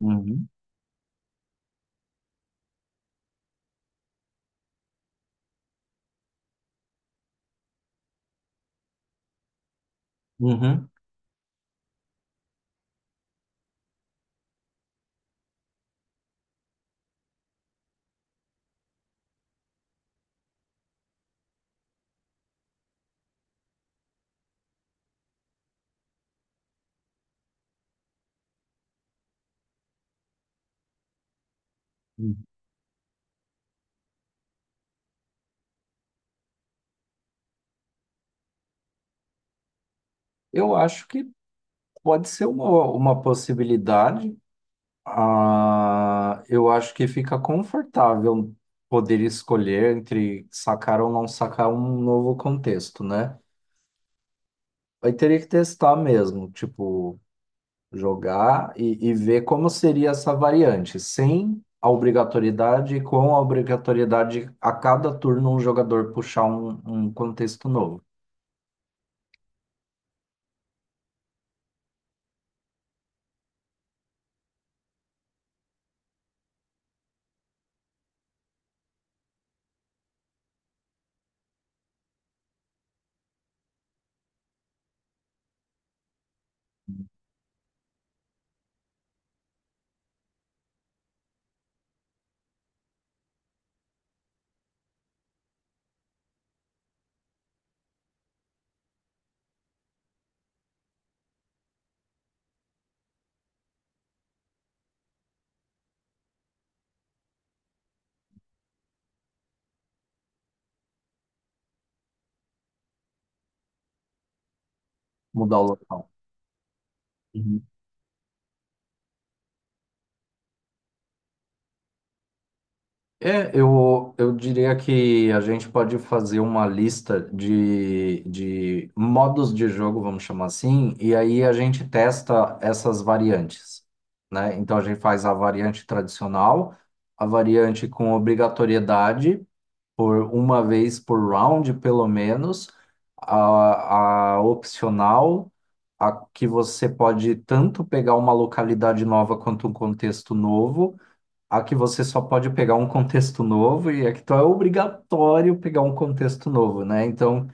Uhum, uhum, uhum. Eu acho que pode ser uma possibilidade. Ah, eu acho que fica confortável poder escolher entre sacar ou não sacar um novo contexto, né? Aí teria que testar mesmo, tipo, jogar e ver como seria essa variante, sem a obrigatoriedade e com a obrigatoriedade a cada turno um jogador puxar um contexto novo, mudar o local. É, eu diria que a gente pode fazer uma lista de modos de jogo, vamos chamar assim, e aí a gente testa essas variantes, né? Então a gente faz a variante tradicional, a variante com obrigatoriedade, por uma vez por round, pelo menos, a opcional, a que você pode tanto pegar uma localidade nova quanto um contexto novo, a que você só pode pegar um contexto novo e a que então é obrigatório pegar um contexto novo, né? Então,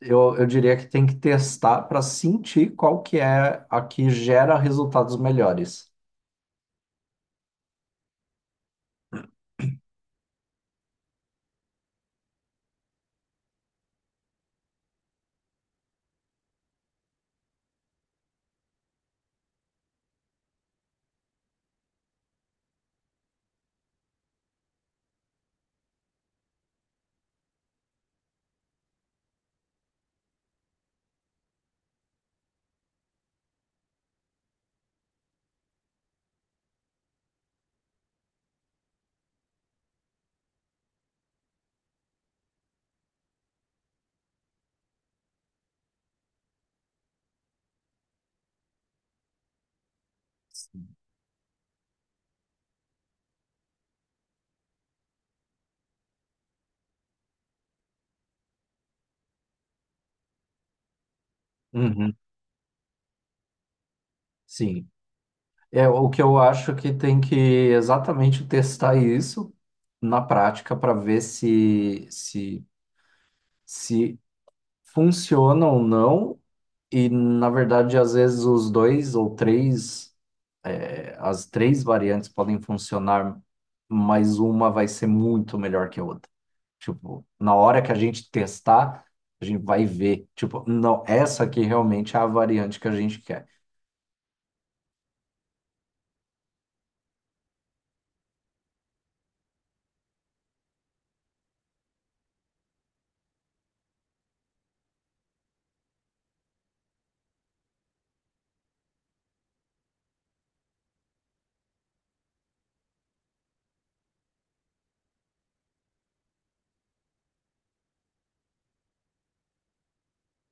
eu diria que tem que testar para sentir qual que é a que gera resultados melhores. Uhum, sim. É o que eu acho que tem que exatamente testar isso na prática para ver se funciona ou não. E, na verdade, às vezes os dois ou três as três variantes podem funcionar, mas uma vai ser muito melhor que a outra. Tipo, na hora que a gente testar, a gente vai ver. Tipo, não, essa aqui realmente é a variante que a gente quer.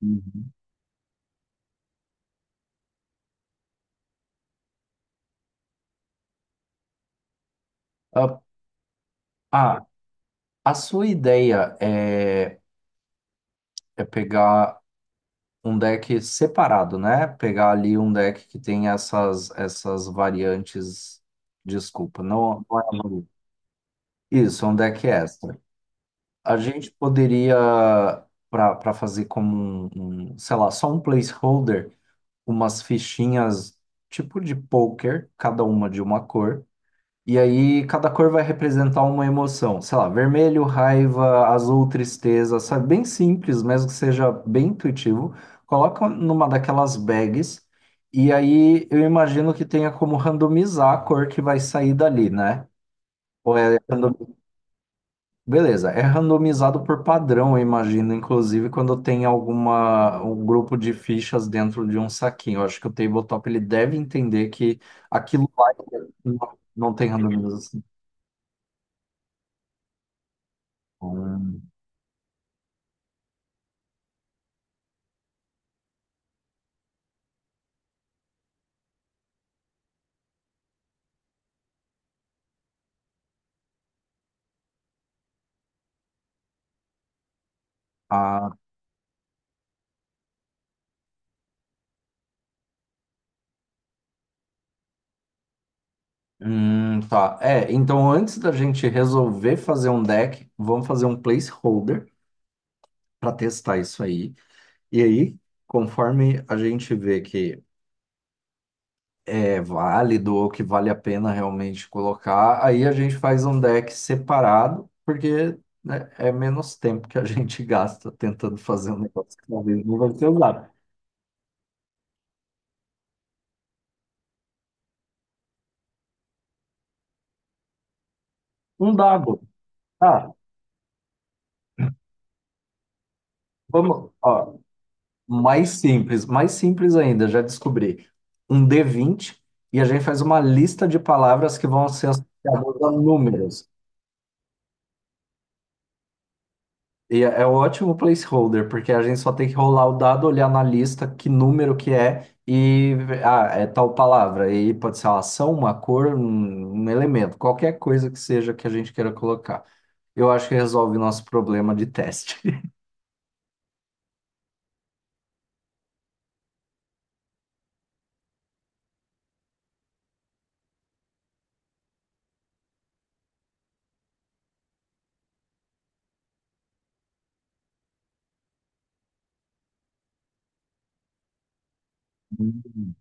Uhum. Ah, ah, a sua ideia é pegar um deck separado, né? Pegar ali um deck que tem essas variantes. Desculpa, não, não é. Isso, é um deck extra. A gente poderia, para fazer como um, sei lá, só um placeholder, umas fichinhas tipo de poker, cada uma de uma cor. E aí cada cor vai representar uma emoção. Sei lá, vermelho, raiva, azul, tristeza, sabe? Bem simples, mesmo que seja bem intuitivo. Coloca numa daquelas bags. E aí eu imagino que tenha como randomizar a cor que vai sair dali, né? Ou é. Beleza, é randomizado por padrão, eu imagino, inclusive quando tem alguma um grupo de fichas dentro de um saquinho. Eu acho que o tabletop ele deve entender que aquilo lá não, não tem randomização. Hum, ah, tá. É, então antes da gente resolver fazer um deck, vamos fazer um placeholder para testar isso aí. E aí, conforme a gente vê que é válido ou que vale a pena realmente colocar, aí a gente faz um deck separado, porque, né, é menos tempo que a gente gasta tentando fazer um negócio que talvez não vai ser usado. Um dado. Ah, vamos, ó, mais simples ainda, já descobri. Um D20, e a gente faz uma lista de palavras que vão ser associadas a números. E é um ótimo placeholder, porque a gente só tem que rolar o dado, olhar na lista que número que é e ah, é tal palavra. E pode ser uma ação, uma cor, um elemento, qualquer coisa que seja que a gente queira colocar. Eu acho que resolve o nosso problema de teste. Uhum.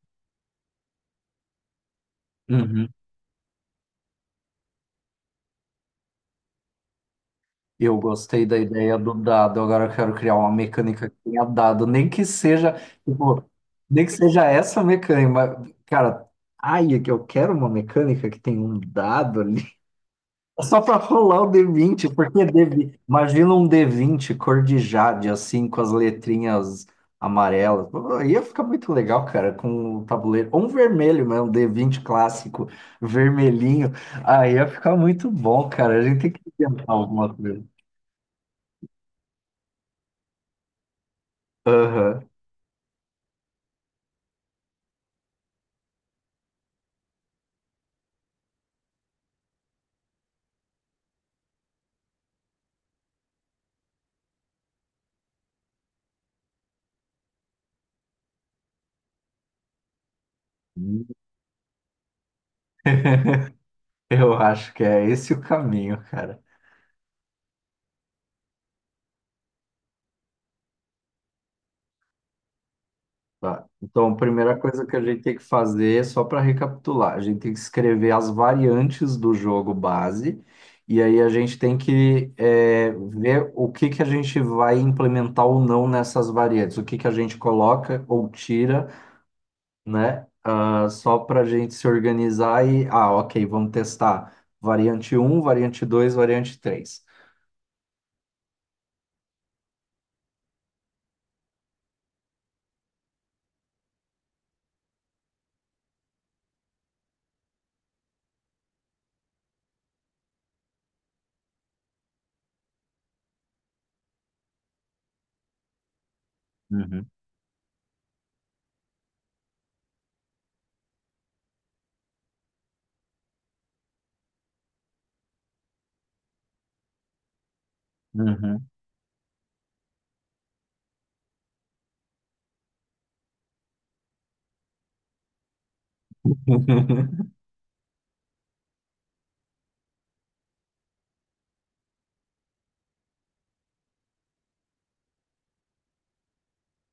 Uhum. Eu gostei da ideia do dado. Agora eu quero criar uma mecânica que tenha dado, nem que seja, tipo, nem que seja essa mecânica, mas, cara, ai, é que eu quero uma mecânica que tenha um dado. É, só pra rolar o D20, porque D20, imagina um D20 cor de jade, assim, com as letrinhas amarelas. Pô, ia ficar muito legal, cara, com o tabuleiro. Ou um vermelho mesmo, D20 clássico, vermelhinho. Aí ia ficar muito bom, cara. A gente tem que inventar alguma coisa. Aham. Eu acho que é esse o caminho, cara. Tá. Então, a primeira coisa que a gente tem que fazer, só para recapitular, a gente tem que escrever as variantes do jogo base, e aí a gente tem que ver o que que a gente vai implementar ou não nessas variantes, o que que a gente coloca ou tira, né? Ah, só para a gente se organizar e, ah, ok, vamos testar variante um, variante dois, variante três. Uhum, uhum.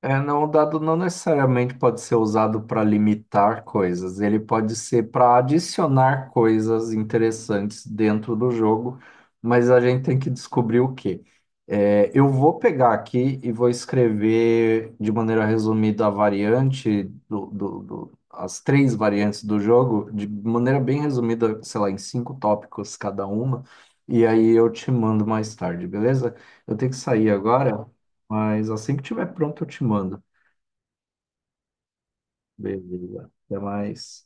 É, não, o dado não necessariamente pode ser usado para limitar coisas, ele pode ser para adicionar coisas interessantes dentro do jogo, mas a gente tem que descobrir o quê. É, eu vou pegar aqui e vou escrever de maneira resumida a variante do as três variantes do jogo, de maneira bem resumida, sei lá, em cinco tópicos cada uma, e aí eu te mando mais tarde, beleza? Eu tenho que sair agora. Mas assim que tiver pronto, eu te mando. Beleza. Até mais.